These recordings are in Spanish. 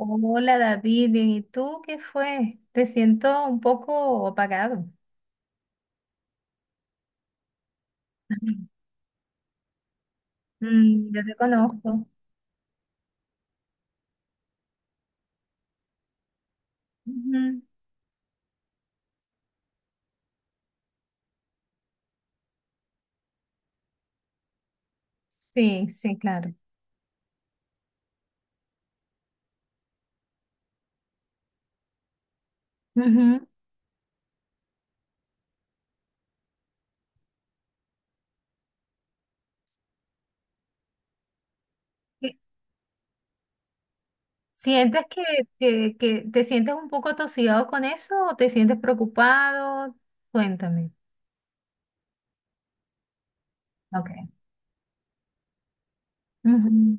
Hola David, bien, ¿y tú qué fue? Te siento un poco apagado. Yo te conozco. Ujú. Sí, sí, claro. Ujú. ¿Qué- ¿Sientes que te sientes un poco atosigado con eso o te sientes preocupado? Cuéntame. Ok. Ujú,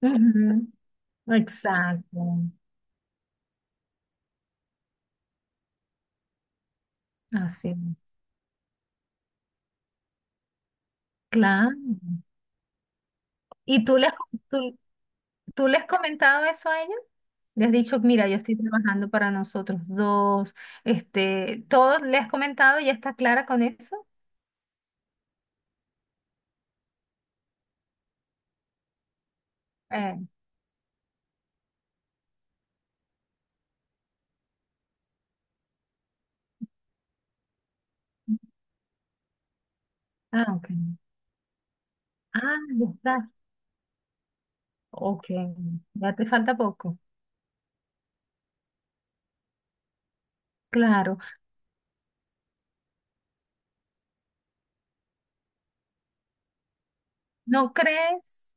ujú. Exacto. Así. Claro. ¿Y tú les, tú- ¿Tú le has comentado eso a ella? ¿Le has dicho, mira, yo estoy trabajando para nosotros dos? ¿Todo le has comentado y ya está clara con eso? Eh, ah, ok. Ah, ya está. Ok, ya te falta poco. Claro. ¿No crees?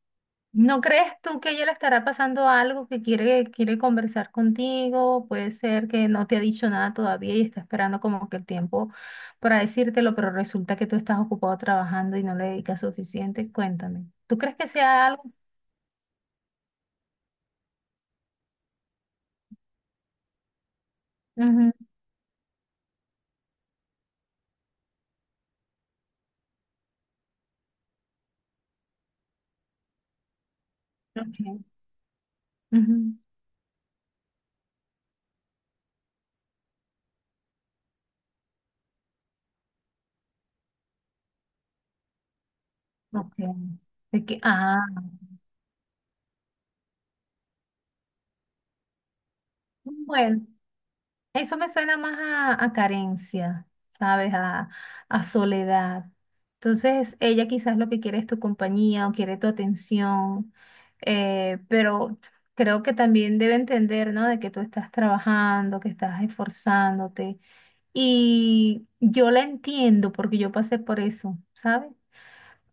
¿No crees tú que a ella le estará pasando algo que quiere conversar contigo? Puede ser que no te ha dicho nada todavía y está esperando como que el tiempo para decírtelo, pero resulta que tú estás ocupado trabajando y no le dedicas suficiente. Cuéntame. ¿Tú crees que sea algo así? Ujú, ok, ujú, ok. Es que, bueno. Eso me suena más a carencia, ¿sabes? A soledad. Entonces, ella quizás lo que quiere es tu compañía o quiere tu atención, pero creo que también debe entender, ¿no? De que tú estás trabajando, que estás esforzándote. Y yo la entiendo porque yo pasé por eso, ¿sabes?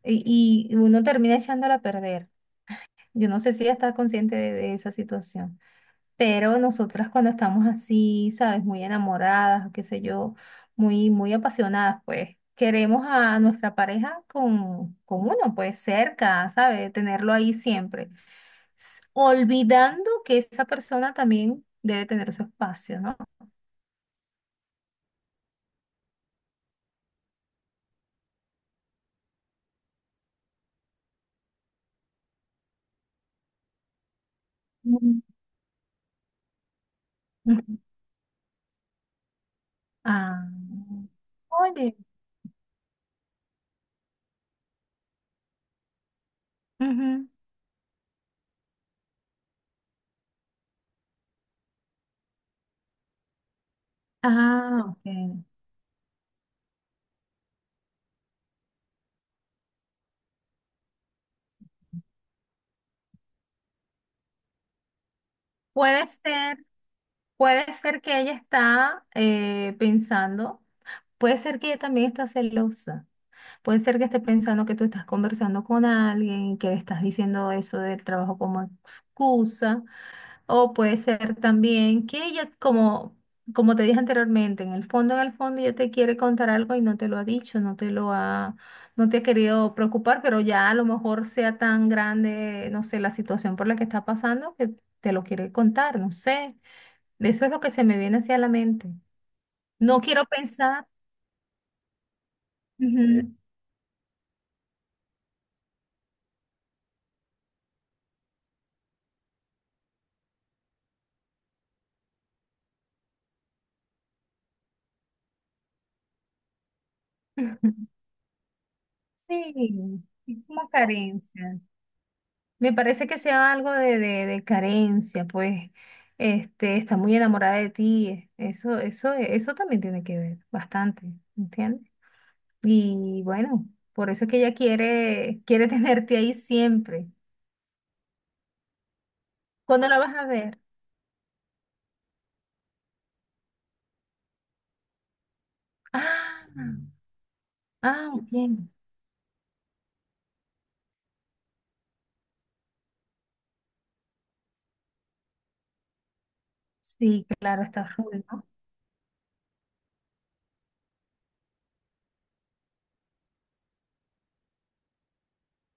Y uno termina echándola a perder. Yo no sé si ella está consciente de esa situación. Pero nosotras cuando estamos así, ¿sabes? Muy enamoradas, qué sé yo, muy, muy apasionadas, pues queremos a nuestra pareja con uno, pues cerca, ¿sabes? Tenerlo ahí siempre. Olvidando que esa persona también debe tener su espacio, ¿no? Mm. Ujú. Ah, oye, ujú. Ah, ok. Puede ser, puede ser que ella está pensando, puede ser que ella también está celosa. Puede ser que esté pensando que tú estás conversando con alguien, que estás diciendo eso del trabajo como excusa, o puede ser también que ella, como te dije anteriormente, en el fondo, ella te quiere contar algo y no te lo ha dicho, no te ha querido preocupar, pero ya a lo mejor sea tan grande, no sé, la situación por la que está pasando que te lo quiere contar, no sé. Eso es lo que se me viene hacia la mente. No quiero pensar. Ujú. Sí, es como carencia. Me parece que sea algo de carencia, pues, está muy enamorada de ti. Eso también tiene que ver bastante, ¿entiendes? Y bueno, por eso es que ella quiere tenerte ahí siempre. ¿Cuándo la vas a ver? Ah, ah, ok. Sí, claro, está full, ¿no?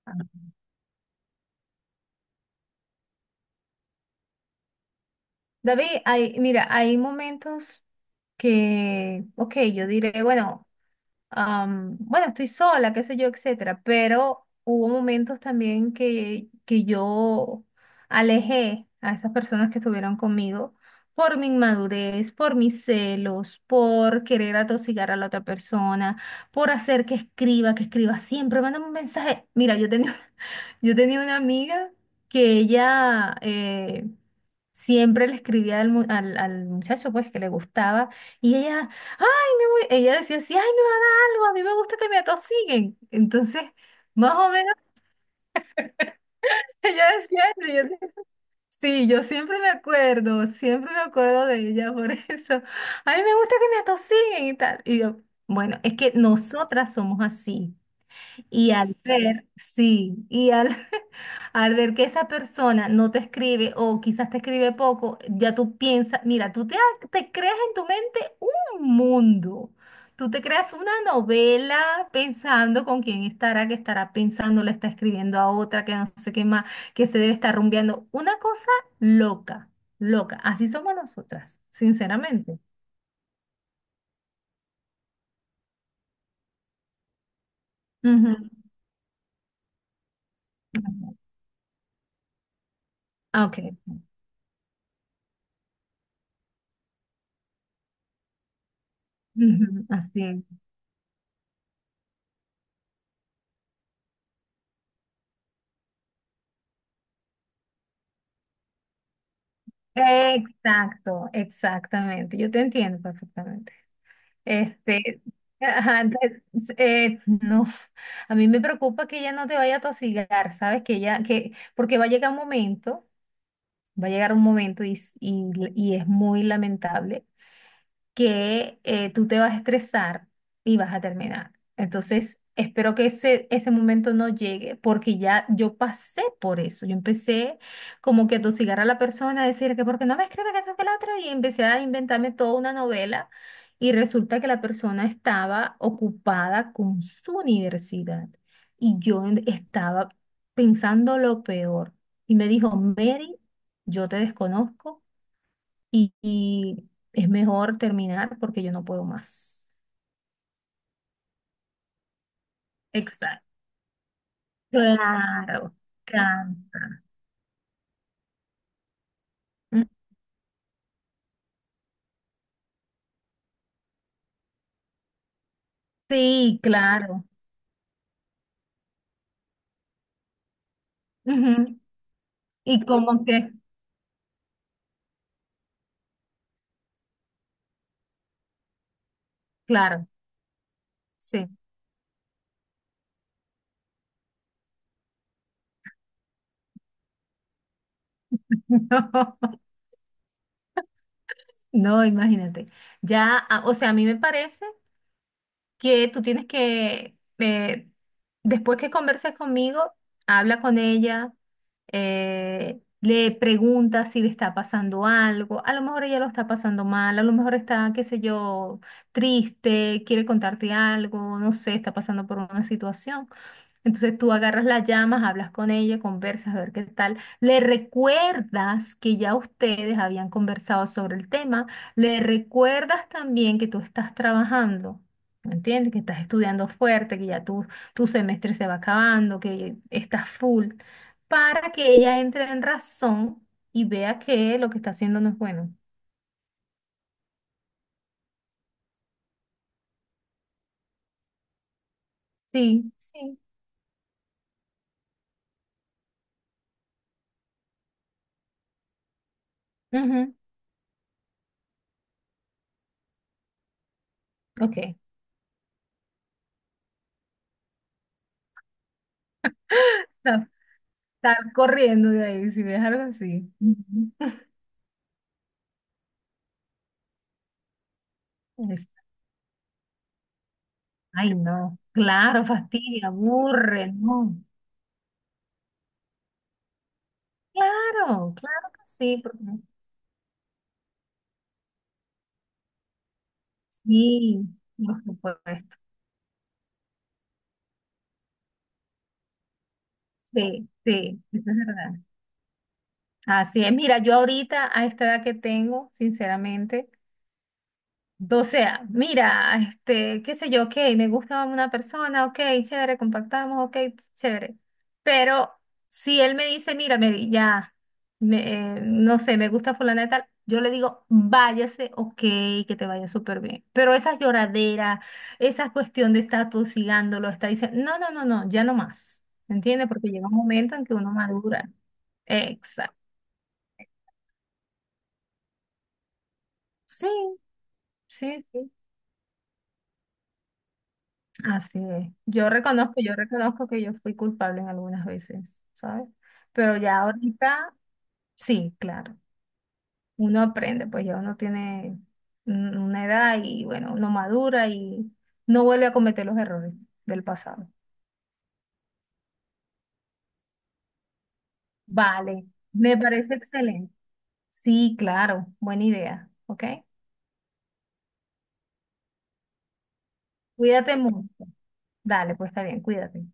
Ah. David, mira, hay momentos que, ok, yo diré, bueno. Bueno, estoy sola, qué sé yo, etcétera, pero hubo momentos también que yo alejé a esas personas que estuvieron conmigo por mi inmadurez, por mis celos, por querer atosigar a la otra persona, por hacer que escriba siempre, mándame un mensaje. Mira, yo tenía, yo tenía una amiga que ella siempre le escribía al, mu- al al muchacho pues que le gustaba y ella, ay, me voy, ella decía así, ay, no, algo, a mí me gusta que me atosiguen. Entonces, más o menos ella decía, eso, y yo decía, sí, yo siempre me acuerdo de ella por eso. A mí me gusta que me atosiguen y tal. Y yo, bueno, es que nosotras somos así. Y al ver, sí, y al, al ver que esa persona no te escribe o quizás te escribe poco, ya tú piensas, mira, te creas en tu mente un mundo. Tú te creas una novela pensando con quién estará, que estará pensando, le está escribiendo a otra, que no sé qué más, que se debe estar rumbeando. Una cosa loca, loca. Así somos nosotras, sinceramente. Ujú. Ujú. Ah, ok. Ujú, así es. Exacto, exactamente. Yo te entiendo perfectamente. Este, ajá, no, a mí me preocupa que ella no te vaya a tosigar, ¿sabes? Porque va a llegar un momento, va a llegar un momento y es muy lamentable que tú te vas a estresar y vas a terminar. Entonces, espero que ese momento no llegue, porque ya yo pasé por eso. Yo empecé como que a tosigar a la persona, a decir que porque no me escribe que esto que la otra, y empecé a inventarme toda una novela. Y resulta que la persona estaba ocupada con su universidad y yo estaba pensando lo peor. Y me dijo, Mary, yo te desconozco y es mejor terminar porque yo no puedo más. Exacto. Claro, canta. Mm, sí, claro. Ujú. Y como que, claro, sí. No, no, imagínate. Ya, o sea, a mí me parece que tú tienes que, después que converses conmigo, habla con ella le pregunta si le está pasando algo, a lo mejor ella lo está pasando mal, a lo mejor está, qué sé yo, triste, quiere contarte algo, no sé, está pasando por una situación. Entonces tú agarras las llamas, hablas con ella, conversas, a ver qué tal. Le recuerdas que ya ustedes habían conversado sobre el tema. Le recuerdas también que tú estás trabajando, ¿me entiendes? Que estás estudiando fuerte, que ya tu semestre se va acabando, que estás full, para que ella entre en razón y vea que lo que está haciendo no es bueno. Sí, sí. Ujú, ok. Sal, sal corriendo de ahí si ves algo así. Ujú. Ay, no, claro, fastidia, aburre, no. Claro, claro que sí, porque sí, por supuesto. Sí, sí, eso es verdad. Así es, mira, yo ahorita a esta edad que tengo, sinceramente, o sea, mira, qué sé yo, ok, me gusta una persona, ok, chévere, compactamos, ok, chévere. Pero si él me dice, mira, Mary, ya, no sé, me gusta fulana de tal, yo le digo, váyase, ok, que te vaya súper bien. Pero esa lloradera, esa cuestión de estar tosigándolo, está diciendo, no, no, no, no, ya no más. ¿Me entiendes? Porque llega un momento en que uno madura. Exacto. Sí, sí, sí. Así es. Yo reconozco que yo fui culpable en algunas veces, ¿sabes? Pero ya ahorita, sí, claro, uno aprende, pues ya uno tiene una edad y bueno, uno madura y no vuelve a cometer los errores del pasado. Vale, me parece excelente. Sí, claro, buena idea, ¿ok? Cuídate mucho. Dale, pues está bien, cuídate.